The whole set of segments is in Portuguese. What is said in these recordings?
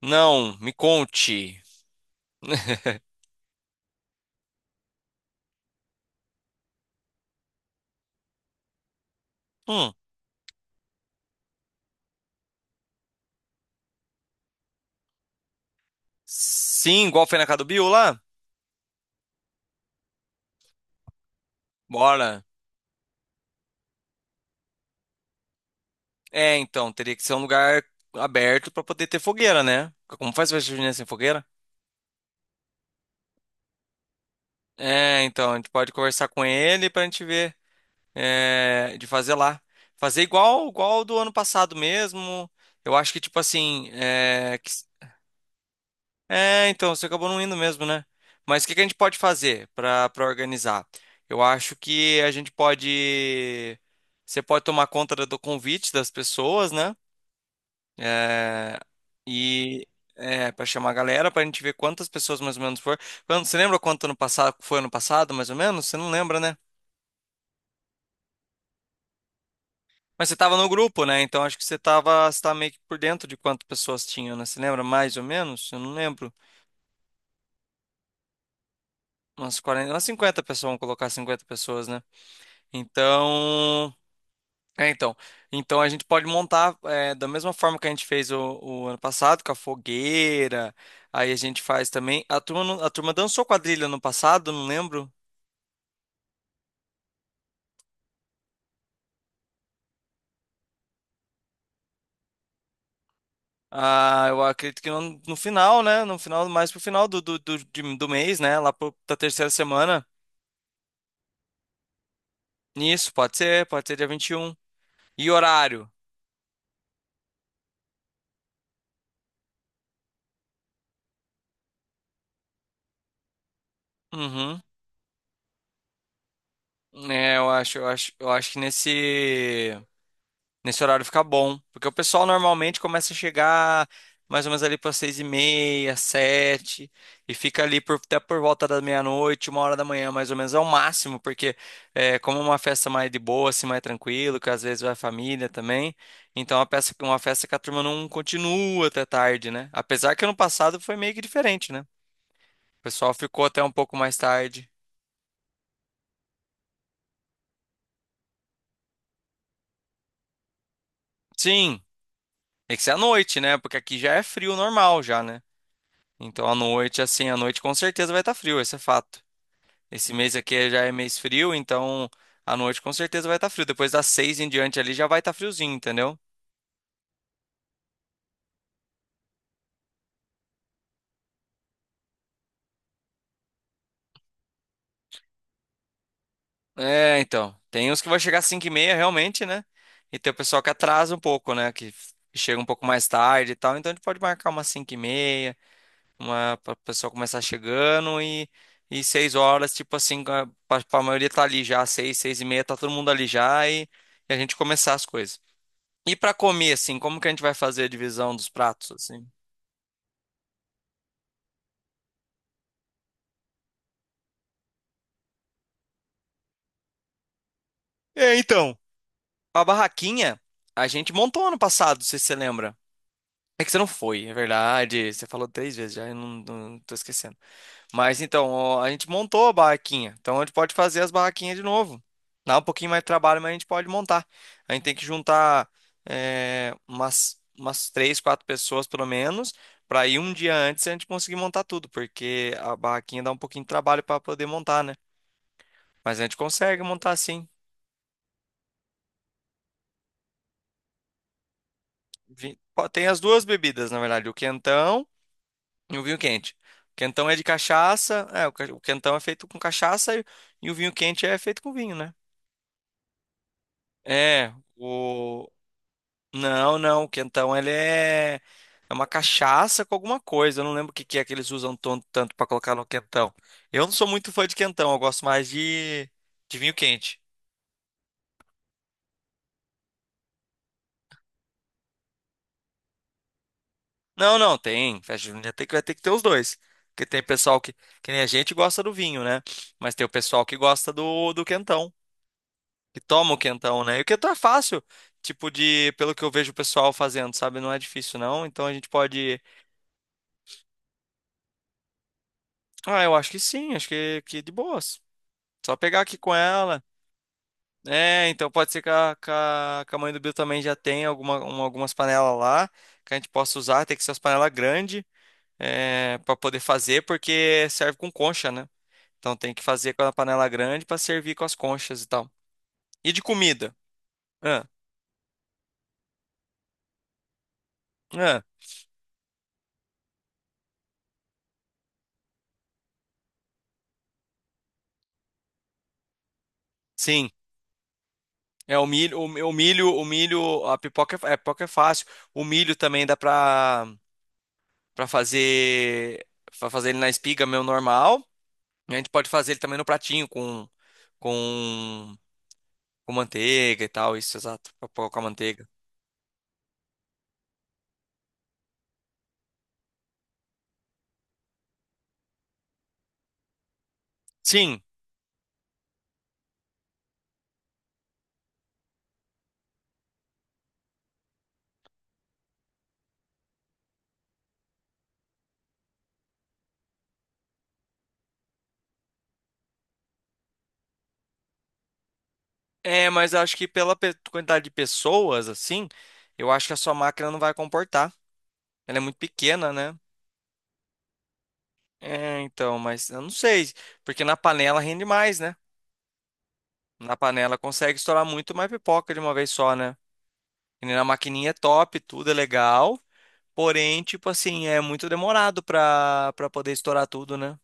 Não, me conte. Hum. Sim, igual foi na casa do Bill lá? Bora. É, então, teria que ser um lugar aberto pra poder ter fogueira, né? Como faz festa junina sem fogueira? É, então, a gente pode conversar com ele pra gente ver de fazer lá. Fazer igual do ano passado mesmo. Eu acho que, tipo assim, que É, então, você acabou não indo mesmo, né? Mas o que que a gente pode fazer para organizar? Eu acho que a gente pode. Você pode tomar conta do convite das pessoas, né? É, e para chamar a galera, para a gente ver quantas pessoas mais ou menos foram. Você lembra quanto ano passado foi ano passado, mais ou menos? Você não lembra, né? Mas você estava no grupo, né? Então acho que você tava meio que por dentro de quantas pessoas tinham, né? Você lembra mais ou menos? Eu não lembro. Umas 40, umas 50 pessoas, vamos colocar 50 pessoas, né? Então, é, então, então a gente pode montar da mesma forma que a gente fez o ano passado, com a fogueira. Aí a gente faz também. A turma dançou quadrilha no passado, não lembro. Ah, eu acredito que no final, né? No final, mais pro final do mês, né? Lá da terceira semana. Isso, pode ser dia 21. E um. E horário? Uhum. É, eu acho que nesse. Nesse horário fica bom, porque o pessoal normalmente começa a chegar mais ou menos ali para 6:30, sete, e fica ali até por volta da meia-noite, uma hora da manhã, mais ou menos, é o máximo, porque como é uma festa mais de boa, assim, mais tranquilo, que às vezes vai família também, então é uma festa que a turma não continua até tarde, né? Apesar que ano passado foi meio que diferente, né? O pessoal ficou até um pouco mais tarde. Sim, tem que ser à noite, né? Porque aqui já é frio normal já, né? Então, à noite, assim, à noite com certeza vai estar frio, esse é fato. Esse mês aqui já é mês frio, então à noite com certeza vai estar frio. Depois das seis em diante ali já vai estar friozinho, entendeu? É, então. Tem uns que vai chegar às 5:30, realmente, né? E tem o pessoal que atrasa um pouco, né? Que chega um pouco mais tarde e tal. Então a gente pode marcar umas 5:30, uma, para o pessoal começar chegando e 6 horas, tipo assim, pra maioria tá ali já, seis, seis e meia, tá todo mundo ali já e a gente começar as coisas. E pra comer, assim, como que a gente vai fazer a divisão dos pratos, assim? É, então. A barraquinha a gente montou ano passado, não sei se você lembra. É que você não foi, é verdade. Você falou 3 vezes já, eu não tô esquecendo. Mas então, ó, a gente montou a barraquinha. Então a gente pode fazer as barraquinhas de novo. Dá um pouquinho mais de trabalho, mas a gente pode montar. A gente tem que juntar umas três, quatro pessoas pelo menos, para ir um dia antes e a gente conseguir montar tudo, porque a barraquinha dá um pouquinho de trabalho para poder montar, né? Mas a gente consegue montar assim. Pô, tem as duas bebidas, na verdade, o quentão e o vinho quente. O quentão é de cachaça, o quentão é feito com cachaça e o vinho quente é feito com vinho, né? É, o. Não, não, o quentão ele é. É uma cachaça com alguma coisa. Eu não lembro o que que é que eles usam tanto para colocar no quentão. Eu não sou muito fã de quentão, eu gosto mais de vinho quente. Não, não, tem. Festa junina vai ter que ter os dois. Porque tem pessoal que nem a gente gosta do vinho, né? Mas tem o pessoal que gosta do quentão, que toma o quentão, né? E o quentão é fácil, tipo de, pelo que eu vejo o pessoal fazendo, sabe? Não é difícil, não. Então a gente pode. Ah, eu acho que sim, acho que de boas. Só pegar aqui com ela. É, então pode ser que a mãe do Bill também já tenha algumas panelas lá que a gente possa usar. Tem que ser as panelas grandes para poder fazer, porque serve com concha, né? Então tem que fazer com a panela grande para servir com as conchas e tal. E de comida? Ah, ah, sim. É o milho, o, mi- o milho, a pipoca é fácil. O milho também dá pra fazer, pra fazer ele na espiga meu normal. E a gente pode fazer ele também no pratinho com, com manteiga e tal, isso, exato, pra pôr com manteiga. Sim, mas eu acho que pela quantidade de pessoas, assim, eu acho que a sua máquina não vai comportar. Ela é muito pequena, né? É, então, mas eu não sei, porque na panela rende mais, né? Na panela consegue estourar muito mais pipoca de uma vez só, né? E na maquininha é top, tudo é legal, porém, tipo assim, é muito demorado pra poder estourar tudo, né?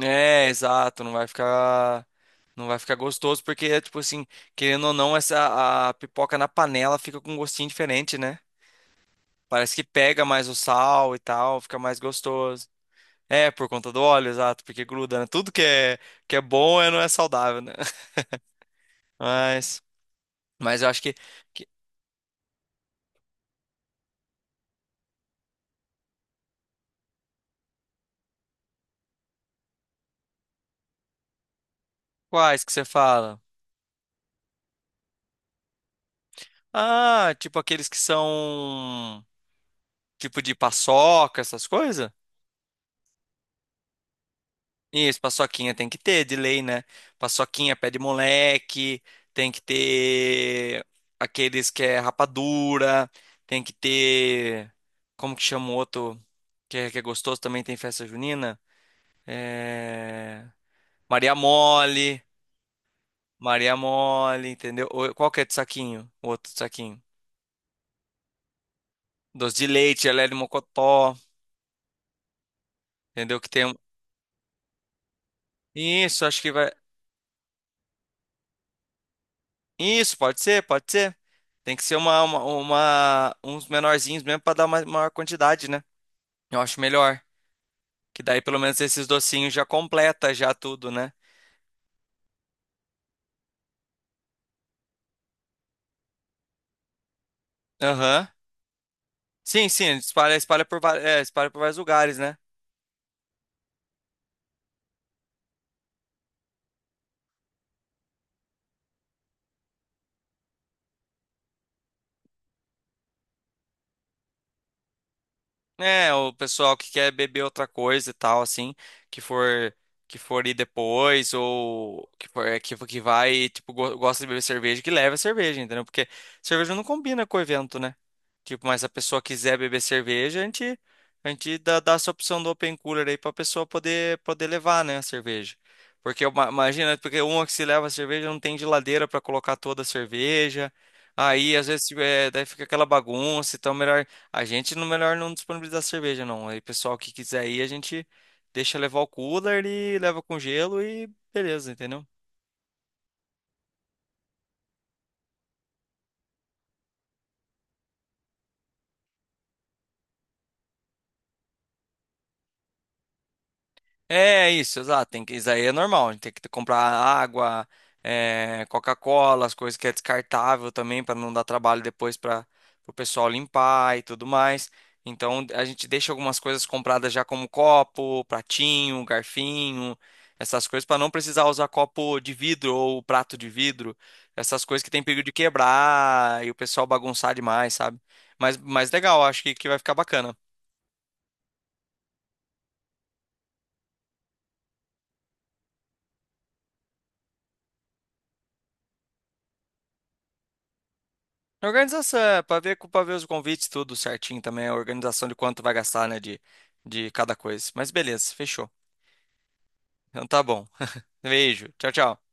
É, exato, não vai ficar gostoso, porque, tipo assim, querendo ou não, a pipoca na panela fica com um gostinho diferente, né? Parece que pega mais o sal e tal, fica mais gostoso. É, por conta do óleo, exato, porque gruda, né? Tudo que é bom não é saudável, né? Mas, mas eu acho que. Quais que você fala? Ah, tipo aqueles que são... Tipo de paçoca, essas coisas? Isso, paçoquinha tem que ter, de lei, né? Paçoquinha, pé de moleque, tem que ter aqueles que é rapadura, tem que ter... Como que chama o outro que é gostoso, também tem festa junina? É... Maria Mole... Maria mole, entendeu? Qual que é de saquinho? O outro de saquinho. Doce de leite, gelé de mocotó, entendeu? Que tem um... Isso, acho que vai... Isso, pode ser, pode ser. Tem que ser uns menorzinhos mesmo para dar uma maior quantidade, né? Eu acho melhor. Que daí pelo menos esses docinhos já completa já tudo, né? Aham. Sim, sim, espalha, espalha por vários lugares, né? É, o pessoal que quer beber outra coisa e tal, assim, que for que for ir depois ou que for que vai, tipo, gosta de beber cerveja, que leva a cerveja, entendeu? Porque cerveja não combina com o evento, né? Tipo, mas se a pessoa quiser beber cerveja, a gente dá essa opção do open cooler aí pra pessoa poder levar, né, a cerveja. Imagina, porque uma que se leva a cerveja não tem geladeira pra colocar toda a cerveja. Aí, às vezes, daí fica aquela bagunça, então é melhor a gente, no melhor, não disponibiliza cerveja, não. Aí, pessoal que quiser ir, a gente deixa levar o cooler e leva com gelo e beleza, entendeu? É isso, exato. Isso aí é normal. A gente tem que comprar água, Coca-Cola, as coisas que é descartável também, para não dar trabalho depois para o pessoal limpar e tudo mais. Então a gente deixa algumas coisas compradas já como copo, pratinho, garfinho, essas coisas para não precisar usar copo de vidro ou prato de vidro, essas coisas que tem perigo de quebrar e o pessoal bagunçar demais, sabe? Mas legal, acho que vai ficar bacana. Organização, para ver, os convites, tudo certinho também, a organização de quanto vai gastar, né, de cada coisa. Mas beleza, fechou. Então tá bom. Beijo, tchau, tchau.